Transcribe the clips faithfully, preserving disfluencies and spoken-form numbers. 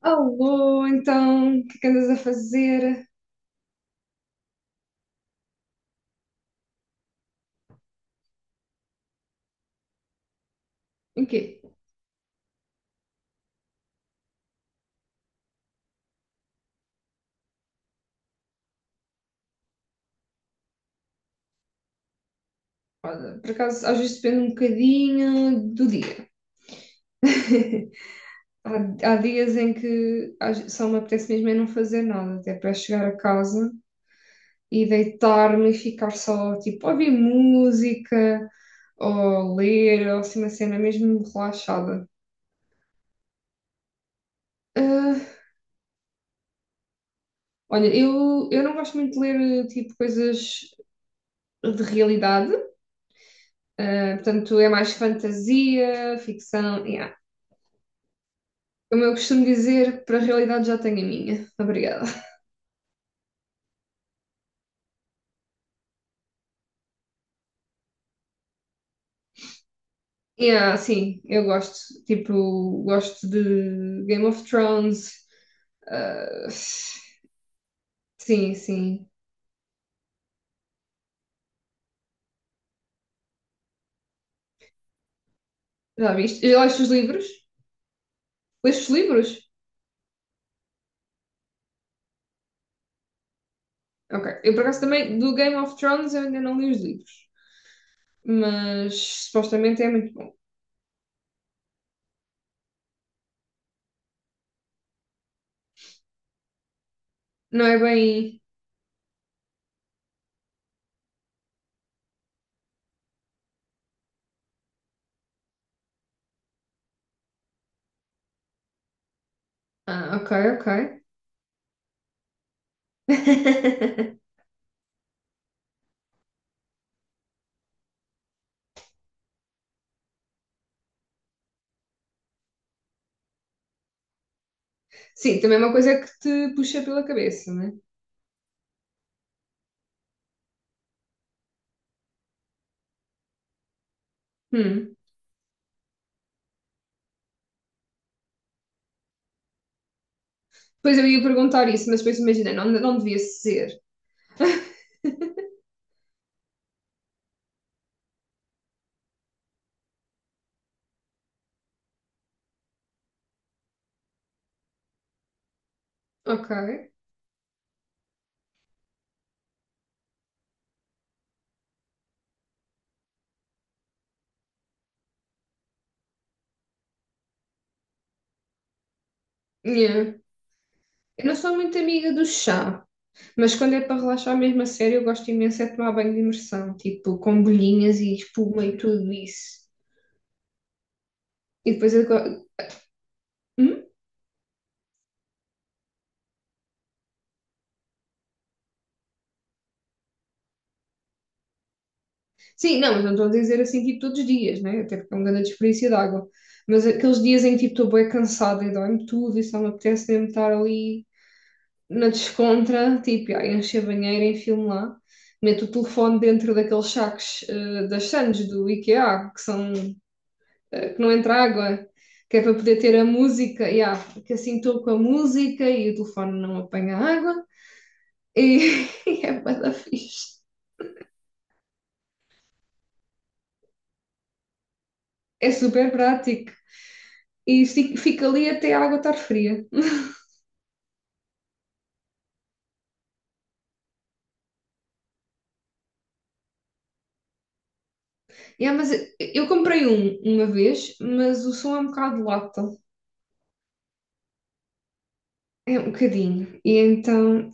Alô, então, o que é que andas a fazer? Em quê? Olha, por acaso, às vezes depende um bocadinho do dia. Há, há dias em que às- só me apetece mesmo é não fazer nada, até para chegar a casa e deitar-me e ficar só, tipo, a ouvir música, ou ler, ou assim uma cena mesmo relaxada. Ah, olha, eu, eu não gosto muito de ler, tipo, coisas de realidade, ah, portanto, é mais fantasia, ficção, yeah. Como eu costumo dizer, para a realidade já tenho a minha. Obrigada. E ah, sim, eu gosto. Tipo, gosto de Game of Thrones. Ah, sim, sim. Já viste? Já leste os livros? Leste os livros? Ok. Eu, por acaso, também do Game of Thrones eu ainda não li os livros. Mas supostamente é muito bom. Não é bem. Ah, ok, ok. Sim, também é uma coisa que te puxa pela cabeça, né? Hum. Pois eu ia perguntar isso, mas depois imaginei, não, não devia ser. Ok. Yeah. Eu não sou muito amiga do chá, mas quando é para relaxar mesmo a sério, eu gosto imenso é de tomar banho de imersão, tipo com bolhinhas e espuma e tudo isso. E depois eu... go- Hum? Sim, não, mas não estou a dizer assim tipo todos os dias, né? Até porque é um grande desperdício de água. Mas aqueles dias em que tipo estou bem cansada e dói-me tudo e só me apetece mesmo estar ali na descontra, tipo, ai, encher a banheira, enfio-me lá. Meto o telefone dentro daqueles sacos eh, das Sands do IKEA, que são eh, que não entra água, que é para poder ter a música, yeah, que assim estou com a música e o telefone não apanha água, e e é bué da fixe. É super prático. E fi- fica ali até a água estar fria. Yeah, mas eu comprei um uma vez, mas o som é um bocado lata. É um bocadinho. E então,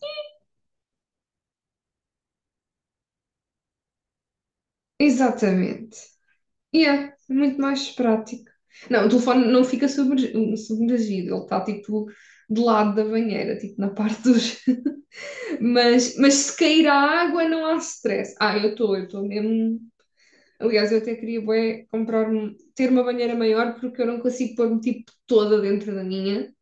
exatamente. E é muito mais prático. Não, o telefone não fica submer- submergido, ele está tipo do lado da banheira, tipo na parte dos... Mas, mas se cair a água não há stress. Ah, eu estou, eu estou mesmo. Aliás, eu até queria bué, comprar, um- ter uma banheira maior porque eu não consigo pôr-me tipo toda dentro da minha.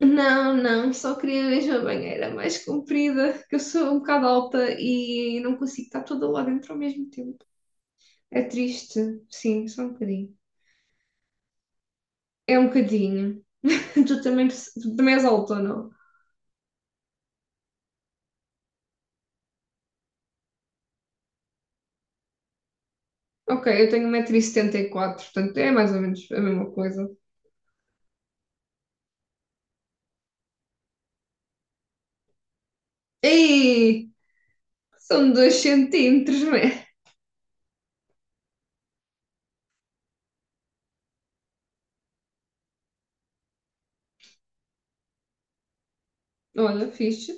Não, não, só queria mesmo a banheira mais comprida, que eu sou um bocado alta e não consigo estar toda lá dentro ao mesmo tempo. É triste, sim, só um bocadinho. É um bocadinho. Tu também, tu também és alta, ou não? Ok, eu tenho um metro e setenta e quatro, portanto é mais ou menos a mesma coisa. Ei! São dois centímetros, né? Olha, fixe.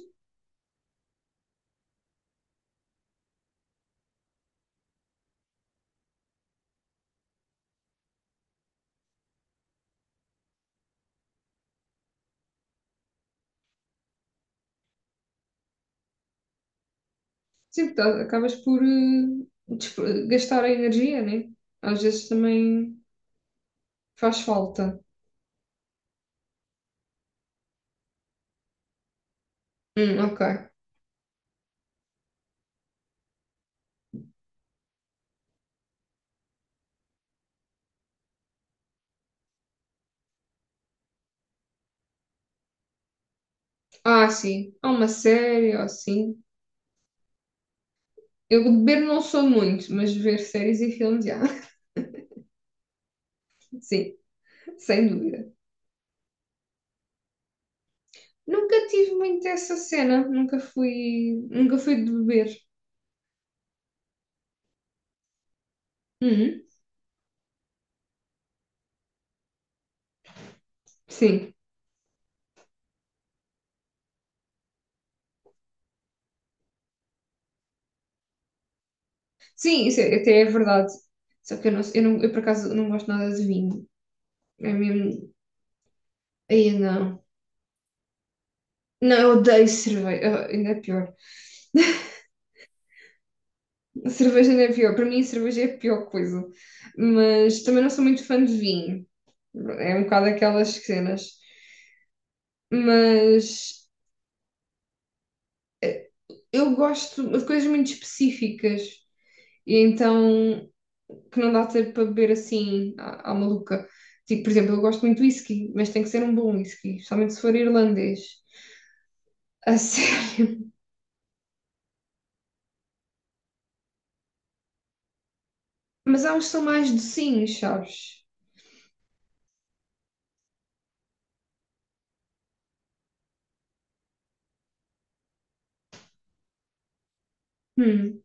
Sim, porque acabas por eh, desp- gastar a energia, né? Às vezes também faz falta. Hum, ok. Ah, sim. Há uma série, ou assim. Eu de beber não sou muito, mas ver séries e filmes, já. Sim, sem dúvida. Nunca tive muito essa cena. Nunca fui, nunca fui de beber. Uhum. Sim. Sim, isso é- até é verdade. Só que eu, não, eu, não, eu por acaso não gosto nada de vinho. É mesmo. Aí não. Não, eu odeio cerveja, ah, ainda é pior. A cerveja ainda é pior. Para mim, a cerveja é a pior coisa. Mas também não sou muito fã de vinho. É um bocado aquelas cenas. Mas eu gosto de coisas muito específicas. E então, que não dá tempo para beber assim, à, à maluca. Tipo, por exemplo, eu gosto muito de whisky, mas tem que ser um bom whisky, especialmente se for irlandês. A sério. Mas há uns que são mais docinhos, sabes? Hum.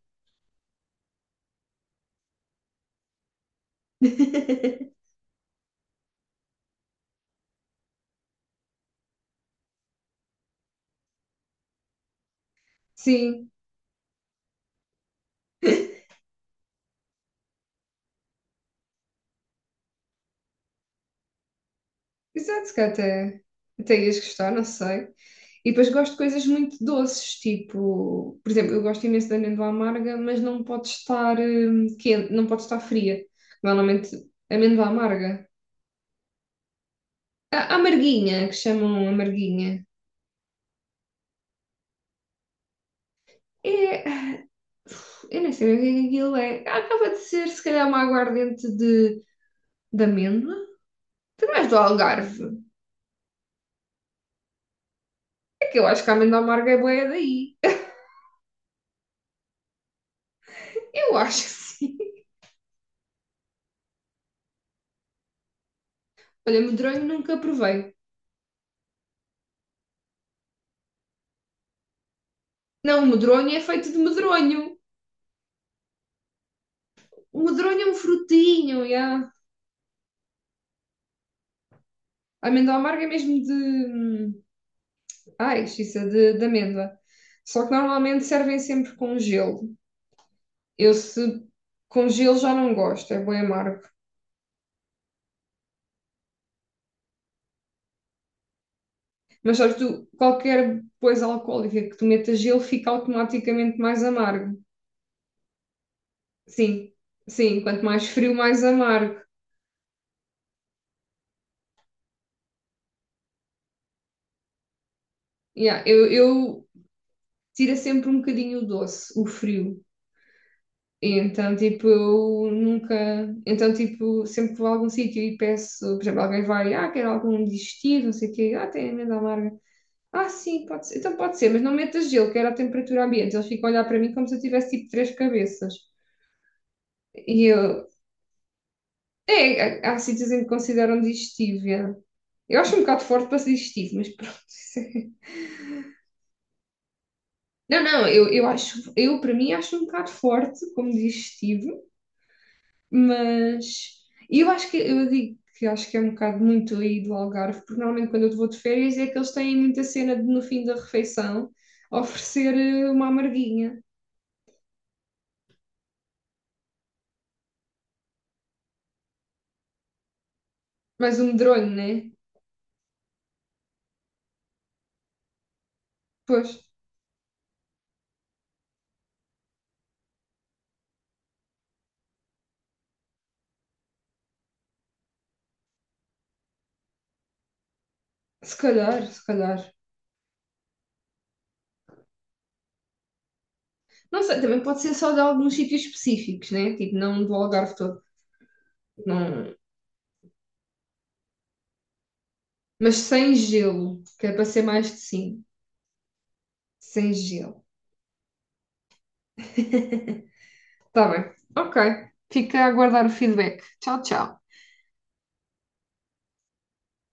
Sim. Exato, que até, até ias gostar, não sei. E depois gosto de coisas muito doces, tipo, por exemplo, eu gosto imenso de amêndoa amarga, mas não pode estar hum, quente, não pode estar fria. Normalmente, amêndoa amarga. A a amarguinha, que chamam amarguinha. É, eu nem sei o que é que aquilo é. Ah, acaba de ser, se calhar, uma aguardente de, de amêndoa. Tu não és do Algarve. É que eu acho que a amêndoa amarga é boa daí. Eu acho que sim. Olha, medronho nunca provei. Não, o medronho é feito de medronho. O medronho é um frutinho, yeah. A amêndoa amarga é mesmo de... hum, Ai, justiça, de, de amêndoa. Só que normalmente servem sempre com gelo. Eu, se com gelo, já não gosto, é bem amargo. Mas sabes, tu, qualquer coisa alcoólica que tu metas gelo fica automaticamente mais amargo. Sim, sim, quanto mais frio, mais amargo. Yeah, eu, eu tira sempre um bocadinho o doce, o frio. E então, tipo, eu nunca... Então, tipo, sempre que vou a algum sítio e peço, por exemplo, alguém vai, ah, quero algum digestivo, não sei o quê, ah, tem amêndoa amarga. Ah, sim, pode ser. Então pode ser, mas não metas gelo, quero a temperatura ambiente. Eles ficam a olhar para mim como se eu tivesse tipo três cabeças. E eu... É, há há sítios em que consideram digestivo. É. Eu acho um bocado forte para ser digestivo, mas pronto. Não, não, eu, eu acho. Eu, para mim, acho um bocado forte como digestivo. Mas e eu acho que eu digo que acho que é um bocado muito aí do Algarve, porque normalmente quando eu vou de férias é que eles têm muita cena de no fim da refeição oferecer eh, uma amarguinha, mais um medronho, né? Pois, se calhar, se calhar. Não sei, também pode ser só de alguns sítios específicos, né? Tipo, não do Algarve todo, não. Mas sem gelo, que é para ser mais de... sim, sem gelo. Tá bem, ok. Fica a aguardar o feedback. Tchau, tchau.